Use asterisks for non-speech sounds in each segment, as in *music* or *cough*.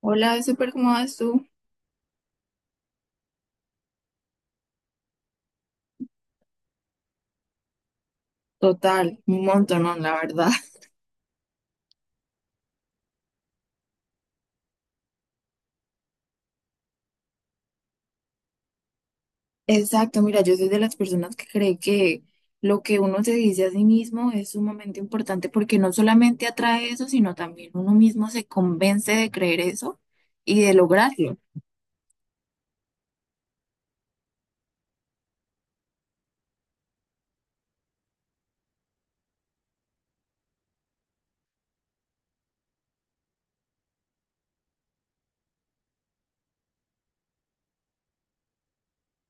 Hola, súper, ¿cómo vas tú? Total, un montón, la verdad. *laughs* Exacto, mira, yo soy de las personas que cree que lo que uno se dice a sí mismo es sumamente importante porque no solamente atrae eso, sino también uno mismo se convence de creer eso y de lograrlo.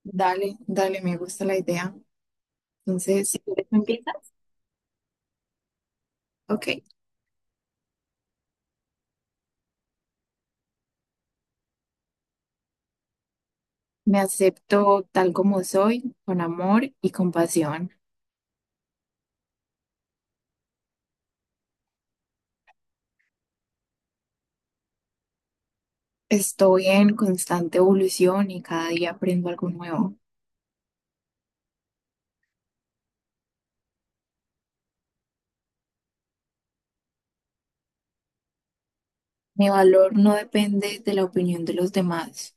Dale, dale, me gusta la idea. Entonces, si quieres, ¿me empieza? Ok. Me acepto tal como soy, con amor y compasión. Estoy en constante evolución y cada día aprendo algo nuevo. Mi valor no depende de la opinión de los demás.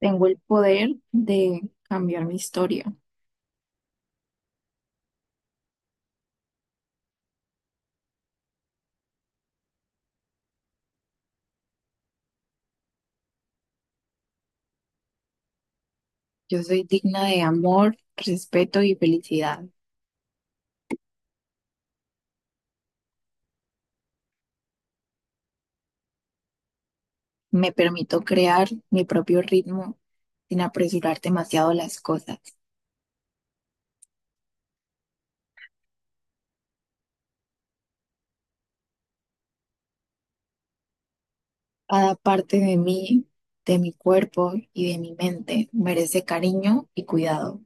Tengo el poder de cambiar mi historia. Yo soy digna de amor, respeto y felicidad. Me permito crear mi propio ritmo sin apresurar demasiado las cosas. Cada parte de mí, de mi cuerpo y de mi mente merece cariño y cuidado.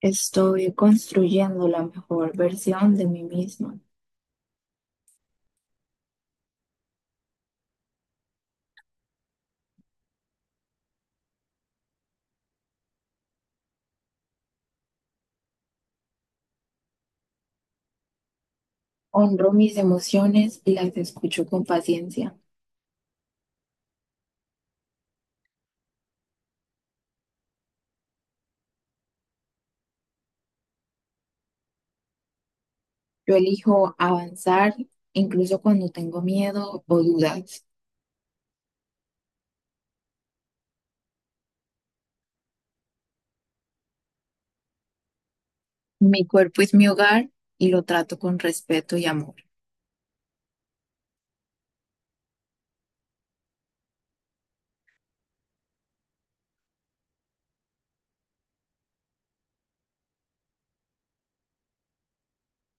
Estoy construyendo la mejor versión de mí misma. Honro mis emociones y las escucho con paciencia. Yo elijo avanzar incluso cuando tengo miedo o dudas. Mi cuerpo es mi hogar y lo trato con respeto y amor.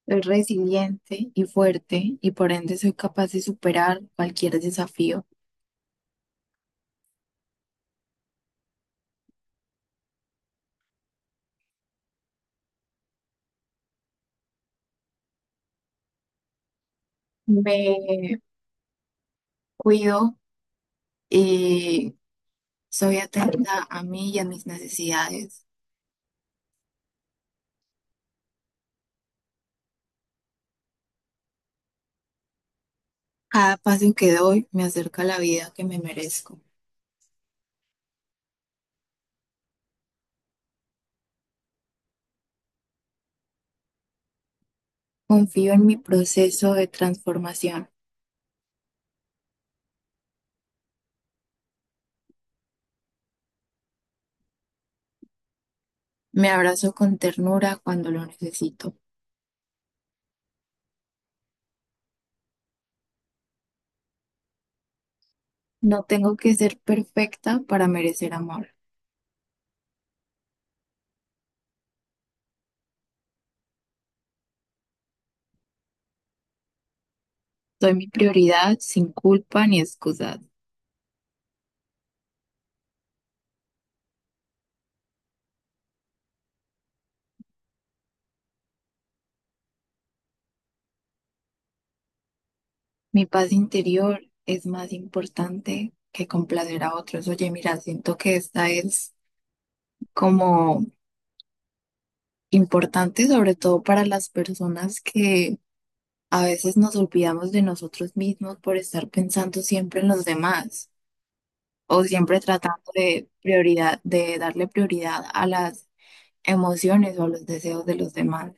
Soy resiliente y fuerte y por ende soy capaz de superar cualquier desafío. Me cuido y soy atenta a mí y a mis necesidades. Cada paso que doy me acerca a la vida que me merezco. Confío en mi proceso de transformación. Me abrazo con ternura cuando lo necesito. No tengo que ser perfecta para merecer amor. Soy mi prioridad sin culpa ni excusas. Mi paz interior es más importante que complacer a otros. Oye, mira, siento que esta es como importante, sobre todo para las personas que a veces nos olvidamos de nosotros mismos por estar pensando siempre en los demás o siempre tratando de prioridad, de darle prioridad a las emociones o a los deseos de los demás.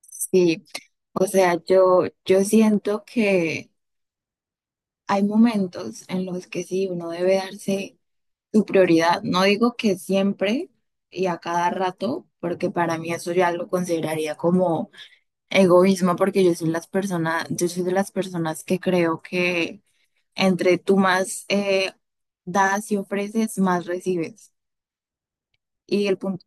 Sí. O sea, yo siento que hay momentos en los que sí, uno debe darse su prioridad. No digo que siempre y a cada rato, porque para mí eso ya lo consideraría como egoísmo, porque yo soy las personas, yo soy de las personas que creo que entre tú más das y ofreces, más recibes. Y el punto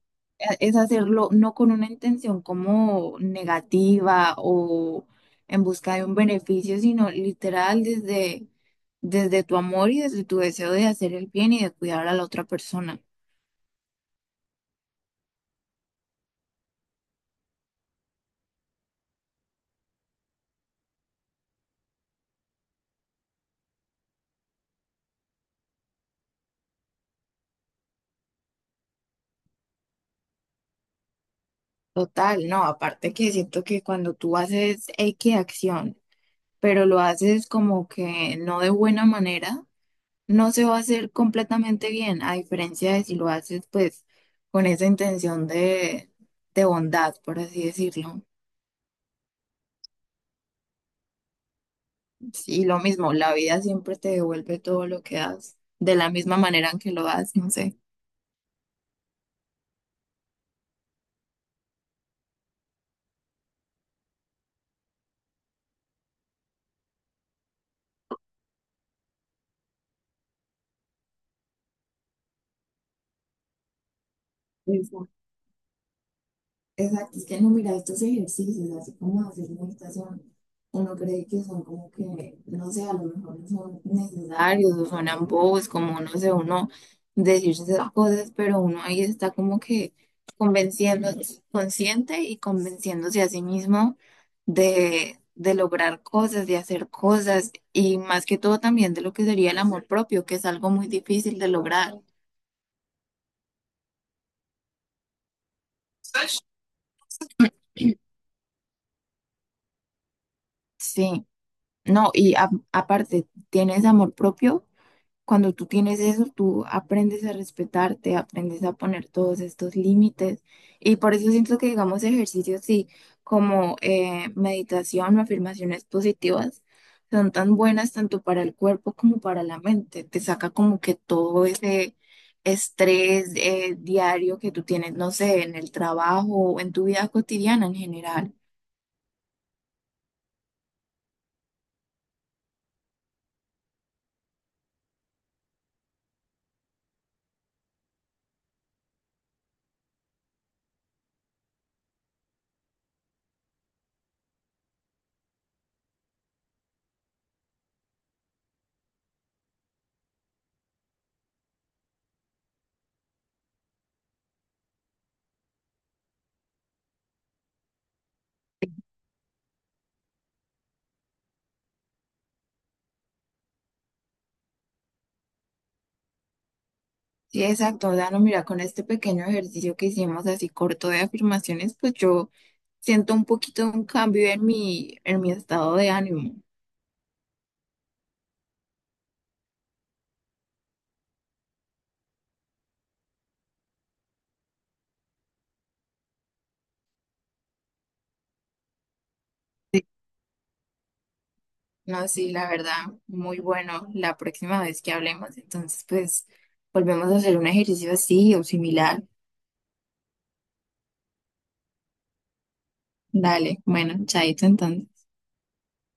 es hacerlo no con una intención como negativa o en busca de un beneficio, sino literal desde tu amor y desde tu deseo de hacer el bien y de cuidar a la otra persona. Total, no, aparte que siento que cuando tú haces X acción, pero lo haces como que no de buena manera, no se va a hacer completamente bien, a diferencia de si lo haces pues con esa intención de bondad, por así decirlo. Sí, lo mismo, la vida siempre te devuelve todo lo que das, de la misma manera en que lo das, no sé. Exacto, es que no, mira, estos ejercicios, así como hacer meditación, uno cree que son como que, no sé, a lo mejor no son necesarios o suenan bobos, como no sé, uno decirse esas cosas, pero uno ahí está como que convenciendo, consciente y convenciéndose a sí mismo de lograr cosas, de hacer cosas y más que todo también de lo que sería el amor propio, que es algo muy difícil de lograr. Sí, no, y a- aparte, ¿tienes amor propio? Cuando tú tienes eso, tú aprendes a respetarte, aprendes a poner todos estos límites. Y por eso siento que, digamos, ejercicios sí, como meditación o afirmaciones positivas son tan buenas tanto para el cuerpo como para la mente. Te saca como que todo ese estrés diario que tú tienes, no sé, en el trabajo o en tu vida cotidiana en general. Sí, exacto. O sea, no mira, con este pequeño ejercicio que hicimos así corto de afirmaciones, pues yo siento un poquito un cambio en en mi estado de ánimo. Sí, no, sí, la verdad, muy bueno. La próxima vez que hablemos, entonces, pues, volvemos a hacer un ejercicio así o similar. Dale, bueno, chaito entonces.